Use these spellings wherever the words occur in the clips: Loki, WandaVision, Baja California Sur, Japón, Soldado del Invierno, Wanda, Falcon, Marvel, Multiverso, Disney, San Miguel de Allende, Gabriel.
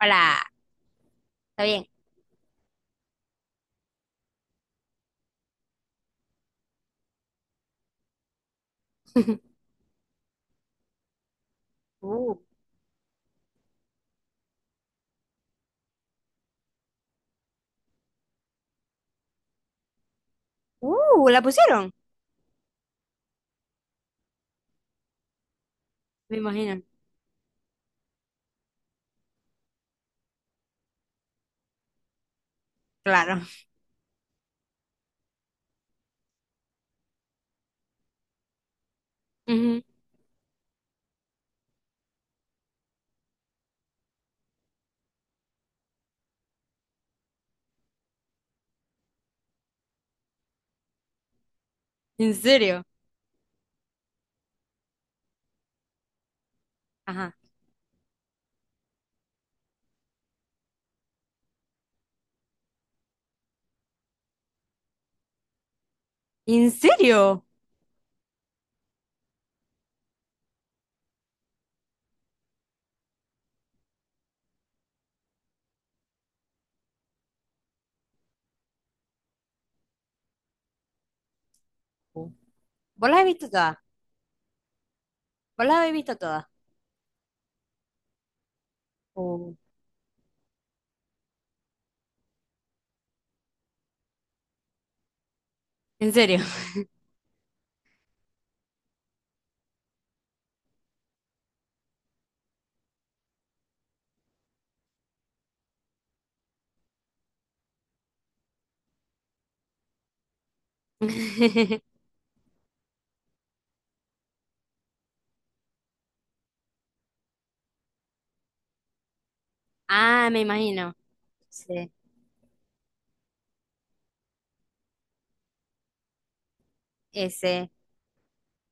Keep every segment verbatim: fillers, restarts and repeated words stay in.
Hola, está bien. Uh, uh, ¿la pusieron? Me imagino. Claro. Ujú. ¿En serio? Ajá. ¿En serio? Uh. ¿Vos las has visto todas? ¿Vos las habéis visto todas? Uh. ¿En serio? Ah, me imagino. Sí, ese.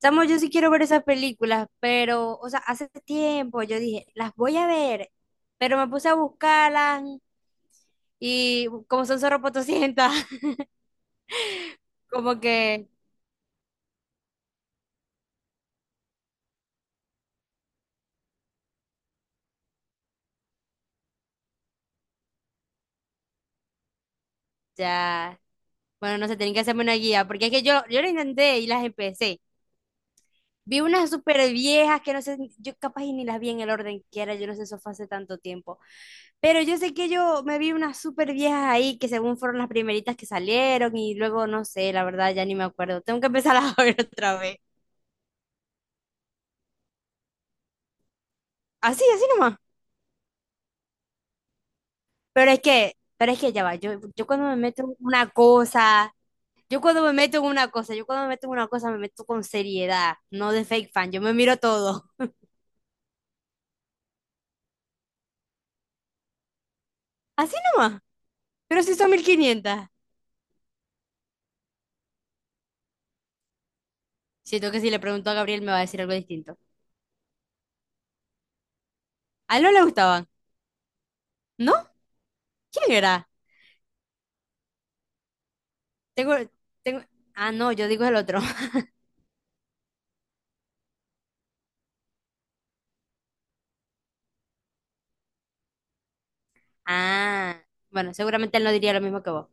Chamo, yo sí quiero ver esas películas, pero, o sea, hace tiempo yo dije, las voy a ver, pero me puse a buscarlas y como son zorro potosientas, como que ya. Bueno, no sé, tienen que hacerme una guía, porque es que yo, yo lo intenté y las empecé. Vi unas súper viejas que no sé, yo capaz y ni las vi en el orden que era, yo no sé, eso fue hace tanto tiempo. Pero yo sé que yo me vi unas súper viejas ahí que según fueron las primeritas que salieron y luego no sé, la verdad ya ni me acuerdo. Tengo que empezar a ver otra vez. Así, así nomás. Pero es que, pero es que ya va, yo, yo cuando me meto en una cosa, yo cuando me meto en una cosa, yo cuando me meto en una cosa me meto con seriedad, no de fake fan, yo me miro todo. Así nomás. Pero si son mil quinientas. Siento que si le pregunto a Gabriel me va a decir algo distinto. A él no le gustaban. ¿No? ¿Quién era? Tengo, tengo... Ah, no, yo digo el otro. Ah, bueno, seguramente él no diría lo mismo que vos.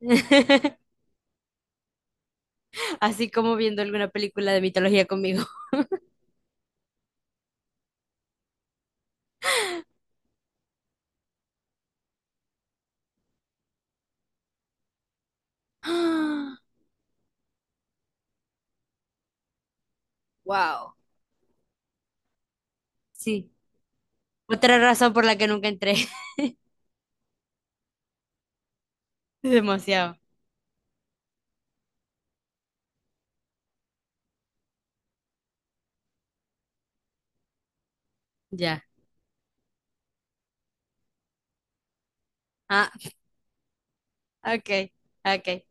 Así como viendo alguna película de mitología conmigo. Wow. Sí. Otra razón por la que nunca entré. Demasiado. Ya. Ah, ok. Ok.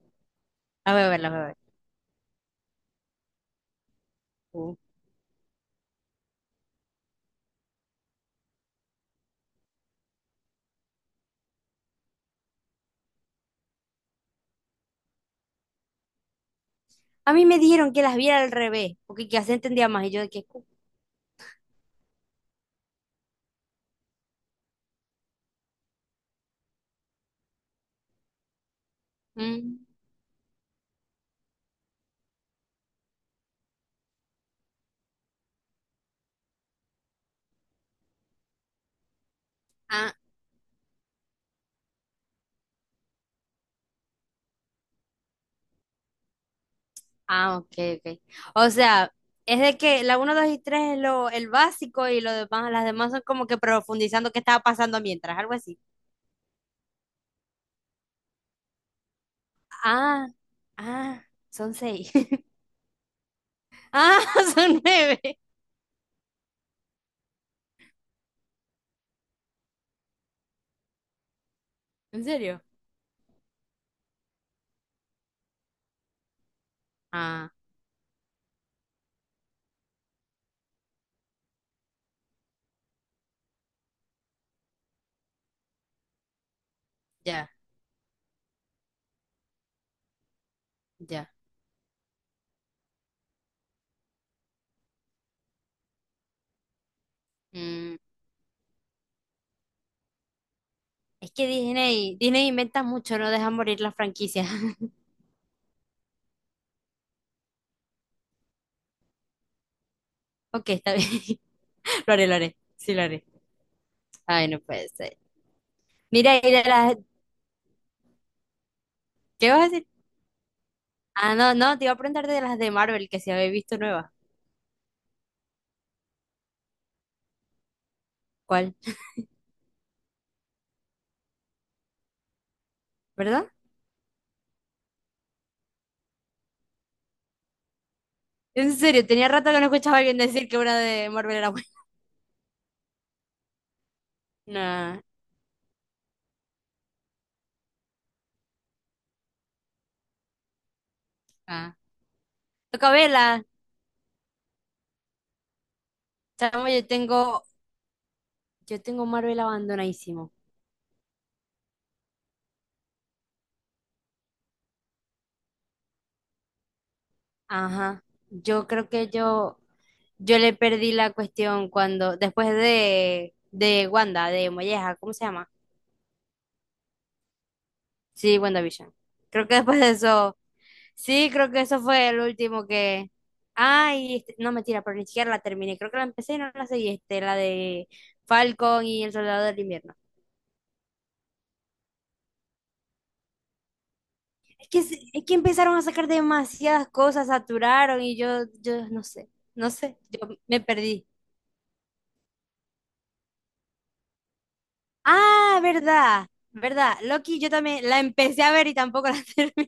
A ver, a ver, a ver. Uh. A mí me dijeron que las viera al revés, porque que así entendía más. Y yo de que. Mm. Ah. Ah, ok, ok. O sea, es de que la uno, dos y tres es lo, el básico y lo demás, las demás son como que profundizando qué estaba pasando mientras, algo así. Ah, ah, son seis. Ah, son nueve. ¿En serio? Ah, ya, ya. Mm, es que Disney, Disney inventa mucho, no deja morir las franquicias. Ok, está bien. Lo haré, lo haré. Sí, lo haré. Ay, no puede ser. Mira, y de las... ¿Qué vas a decir? Ah, no, no, te iba a preguntar de las de Marvel que se había visto nueva. ¿Cuál? ¿Verdad? En serio, tenía rato que no escuchaba a alguien decir que una de Marvel era buena. No. Ah. Toca verla. Chamo, yo tengo, yo tengo Marvel abandonadísimo. Ajá. Yo creo que yo, yo le perdí la cuestión cuando, después de, de Wanda, de Molleja, ¿cómo se llama? Sí, WandaVision. Creo que después de eso, sí, creo que eso fue el último que. Ay, este- no, mentira, pero ni siquiera la terminé. Creo que la empecé y no la seguí, este, la de Falcon y El Soldado del Invierno. que, se- que empezaron a sacar demasiadas cosas, saturaron y yo, yo no sé, no sé, yo me perdí. Ah, verdad, verdad. Loki, yo también la empecé a ver y tampoco la terminé.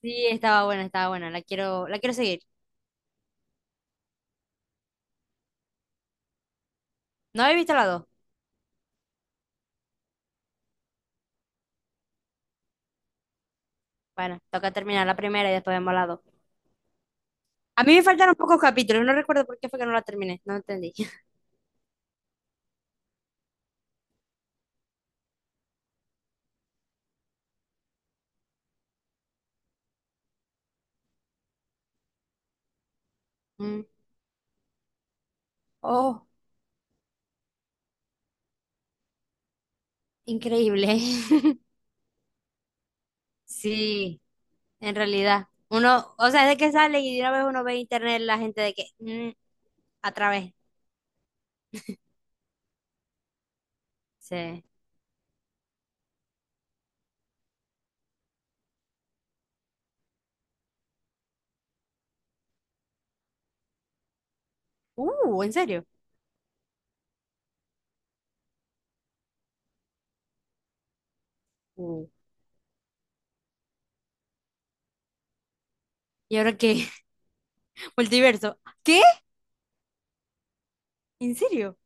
Sí, estaba buena, estaba buena. La quiero, la quiero seguir. No he visto la dos. Bueno, toca terminar la primera y después vemos la dos. A mí me faltaron pocos capítulos, no recuerdo por qué fue que no la terminé, no entendí. Mm. Oh, increíble. Sí, en realidad. Uno, o sea, es de que sale y de una vez uno ve en internet la gente de que, mm, a través. Sí. Uh, ¿en serio? Uh. ¿Y ahora qué? Multiverso. ¿Qué? ¿En serio?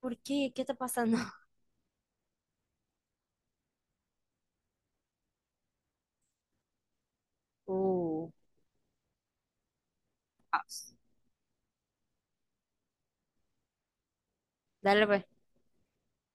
¿Por qué? ¿Qué está pasando? Uh. Vamos. Dale, pues.